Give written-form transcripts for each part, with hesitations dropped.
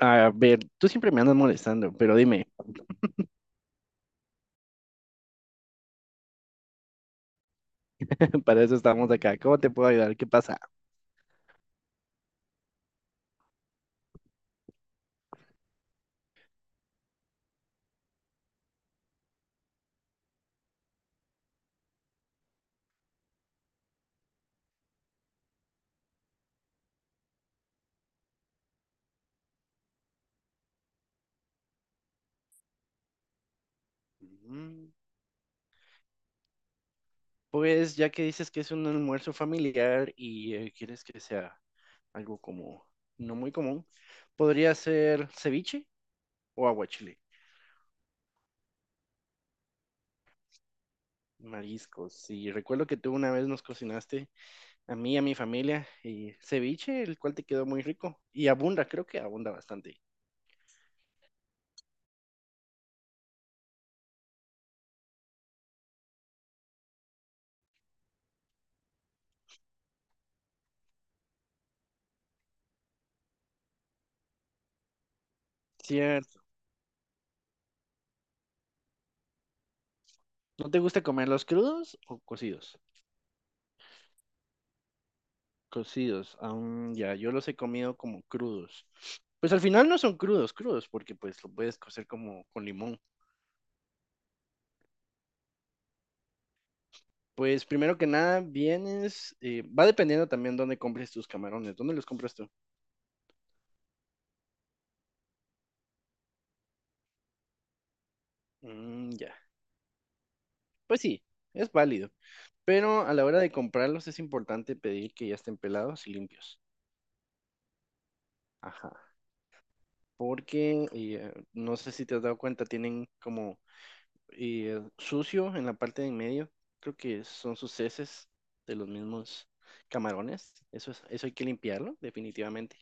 A ver, tú siempre me andas molestando, pero dime, para eso estamos acá. ¿Cómo te puedo ayudar? ¿Qué pasa? Mm. Pues ya que dices que es un almuerzo familiar y quieres que sea algo como no muy común, podría ser ceviche o aguachile, mariscos. Y recuerdo que tú una vez nos cocinaste a mí y a mi familia y ceviche, el cual te quedó muy rico y abunda, creo que abunda bastante. Cierto. ¿No te gusta comerlos crudos o cocidos? Cocidos, aún ya, yo los he comido como crudos. Pues al final no son crudos, crudos, porque pues lo puedes cocer como con limón. Pues primero que nada, va dependiendo también dónde compres tus camarones, dónde los compras tú. Mm, ya, pues sí, es válido, pero a la hora de comprarlos es importante pedir que ya estén pelados y limpios. Ajá, porque no sé si te has dado cuenta, tienen como y sucio en la parte de en medio. Creo que son sus heces de los mismos camarones. Eso es, eso hay que limpiarlo, definitivamente.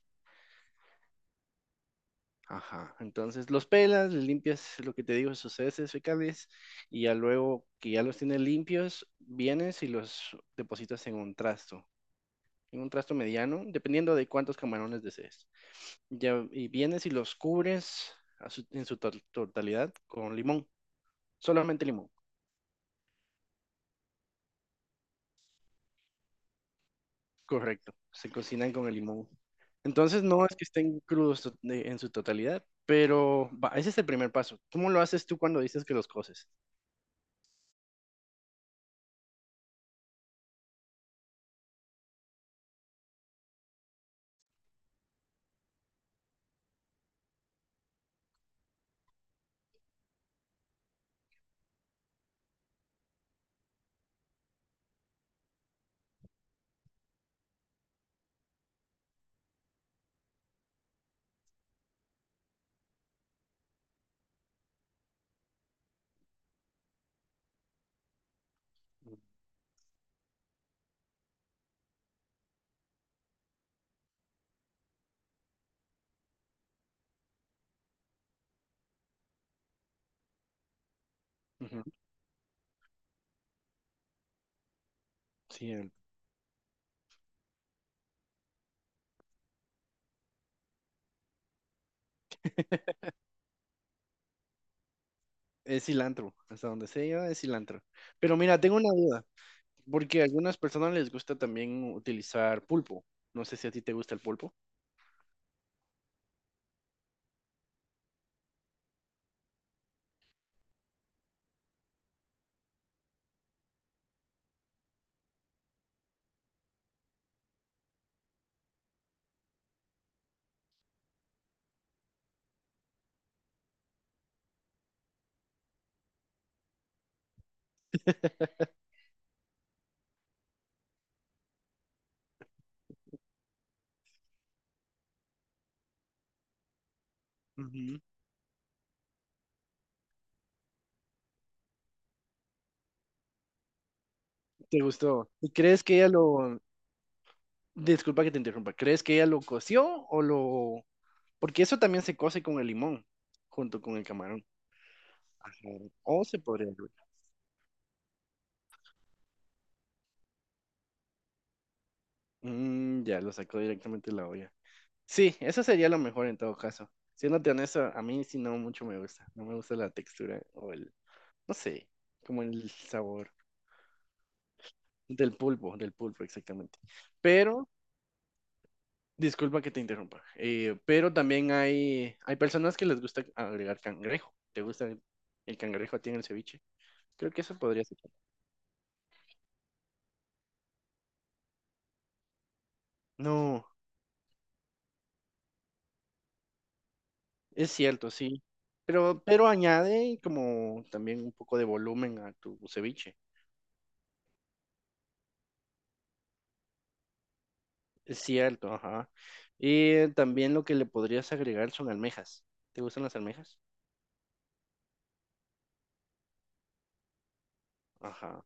Ajá. Entonces los pelas, les limpias lo que te digo, sus heces fecales, y ya luego que ya los tienes limpios, vienes y los depositas en un trasto. En un trasto mediano, dependiendo de cuántos camarones desees. Ya, y vienes y los cubres en su totalidad con limón. Solamente limón. Correcto. Se cocinan con el limón. Entonces no es que estén crudos en su totalidad, pero va, ese es el primer paso. ¿Cómo lo haces tú cuando dices que los coces? Ujú. Sí, es cilantro, hasta donde sé yo, es cilantro. Pero mira, tengo una duda, porque a algunas personas les gusta también utilizar pulpo. No sé si a ti te gusta el pulpo. Ujú. ¿Te gustó? ¿Y crees que ella lo... Disculpa que te interrumpa, ¿crees que ella lo coció o lo... Porque eso también se cose con el limón, junto con el camarón. Ajá. O se podría... ya lo sacó directamente de la olla. Sí, eso sería lo mejor en todo caso. Siéndote honesto, a mí sí no mucho me gusta. No me gusta la textura o el, no sé, como el sabor del pulpo exactamente. Pero, disculpa que te interrumpa, pero también hay personas que les gusta agregar cangrejo. ¿Te gusta el cangrejo a ti en el ceviche? Creo que eso podría ser. No, es cierto, sí. Pero, añade como también un poco de volumen a tu ceviche. Es cierto, ajá. Y también lo que le podrías agregar son almejas. ¿Te gustan las almejas? Ajá.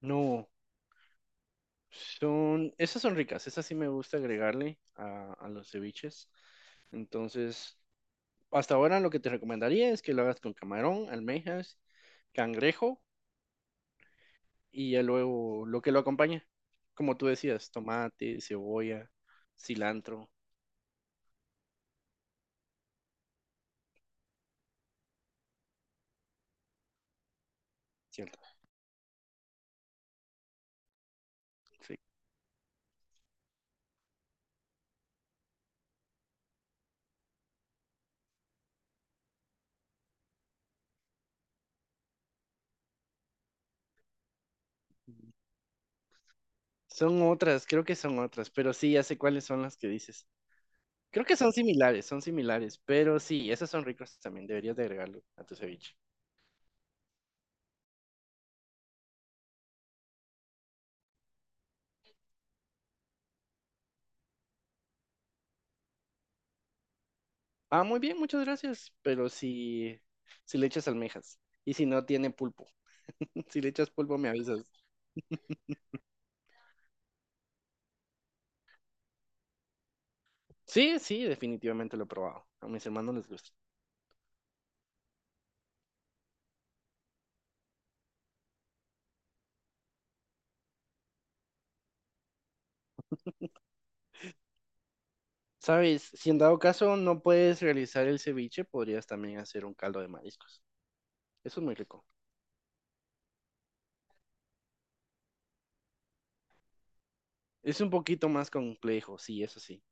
No, esas son ricas, esas sí me gusta agregarle a los ceviches. Entonces, hasta ahora lo que te recomendaría es que lo hagas con camarón, almejas, cangrejo y ya luego lo que lo acompaña. Como tú decías, tomate, cebolla, cilantro, ¿cierto? Sí. Son otras, creo que son otras, pero sí, ya sé cuáles son las que dices. Creo que son similares, pero sí, esos son ricos también, deberías de agregarlo a tu ceviche. Ah, muy bien, muchas gracias, pero si le echas almejas y si no tiene pulpo, si le echas pulpo me avisas. Sí, sí, definitivamente lo he probado, a mis hermanos les gusta. Sabes, si en dado caso no puedes realizar el ceviche, podrías también hacer un caldo de mariscos. Eso es muy rico. Es un poquito más complejo, sí, eso sí.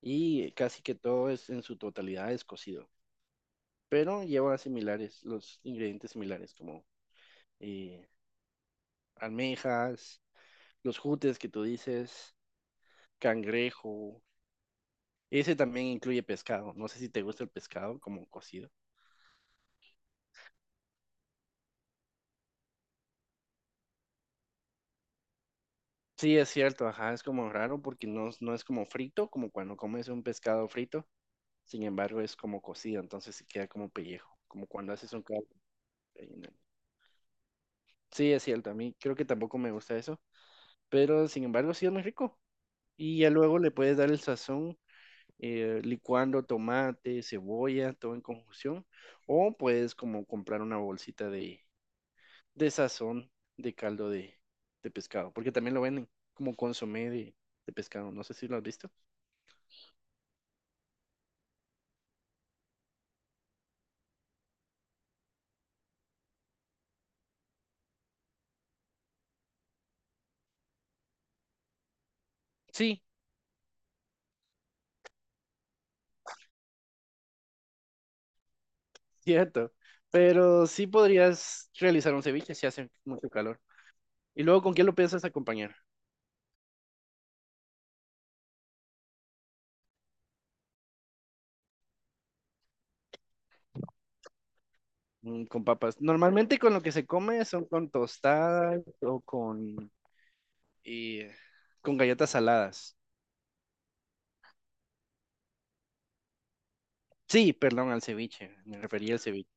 Y casi que todo es en su totalidad es cocido, pero lleva similares, los ingredientes similares como eh, almejas, los jutes que tú dices, cangrejo. Ese también incluye pescado. No sé si te gusta el pescado como cocido. Sí, es cierto, ajá, es como raro porque no, no es como frito, como cuando comes un pescado frito. Sin embargo, es como cocido, entonces se queda como pellejo, como cuando haces un caldo. Sí, es cierto, a mí creo que tampoco me gusta eso, pero sin embargo, sí es muy rico. Y ya luego le puedes dar el sazón licuando tomate, cebolla, todo en conjunción. O puedes como comprar una bolsita de sazón de caldo de pescado, porque también lo venden como consomé de pescado. No sé si lo has visto. Sí, cierto. Pero sí podrías realizar un ceviche si hace mucho calor. ¿Y luego con qué lo piensas acompañar? Con papas. Normalmente con lo que se come son con tostadas o eh, con galletas saladas. Sí, perdón, al ceviche. Me refería al ceviche.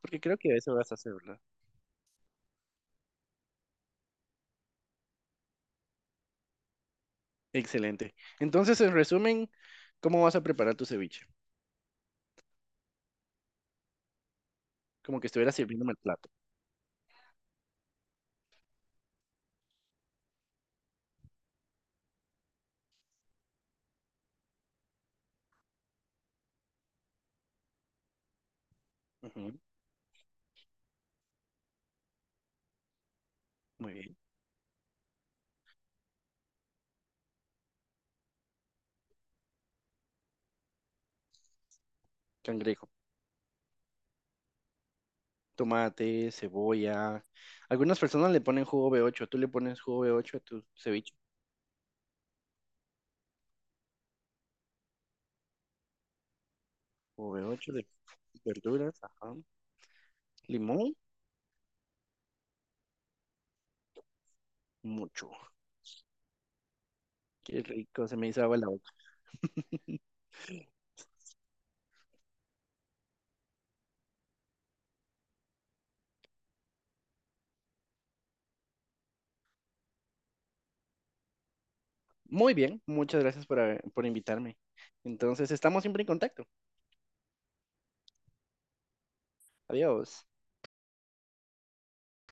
Porque creo que eso vas a hacer, ¿verdad? Excelente. Entonces, en resumen, ¿cómo vas a preparar tu ceviche? Como que estuviera sirviéndome el plato. Ujú. Muy bien. Cangrejo, tomate, cebolla. Algunas personas le ponen jugo B8. ¿Tú le pones jugo B8 a tu ceviche? Jugo B8 de verduras, ajá. Limón, mucho. Qué rico, se me hizo agua la boca. Muy bien, muchas gracias por invitarme. Entonces, estamos siempre en contacto. Adiós.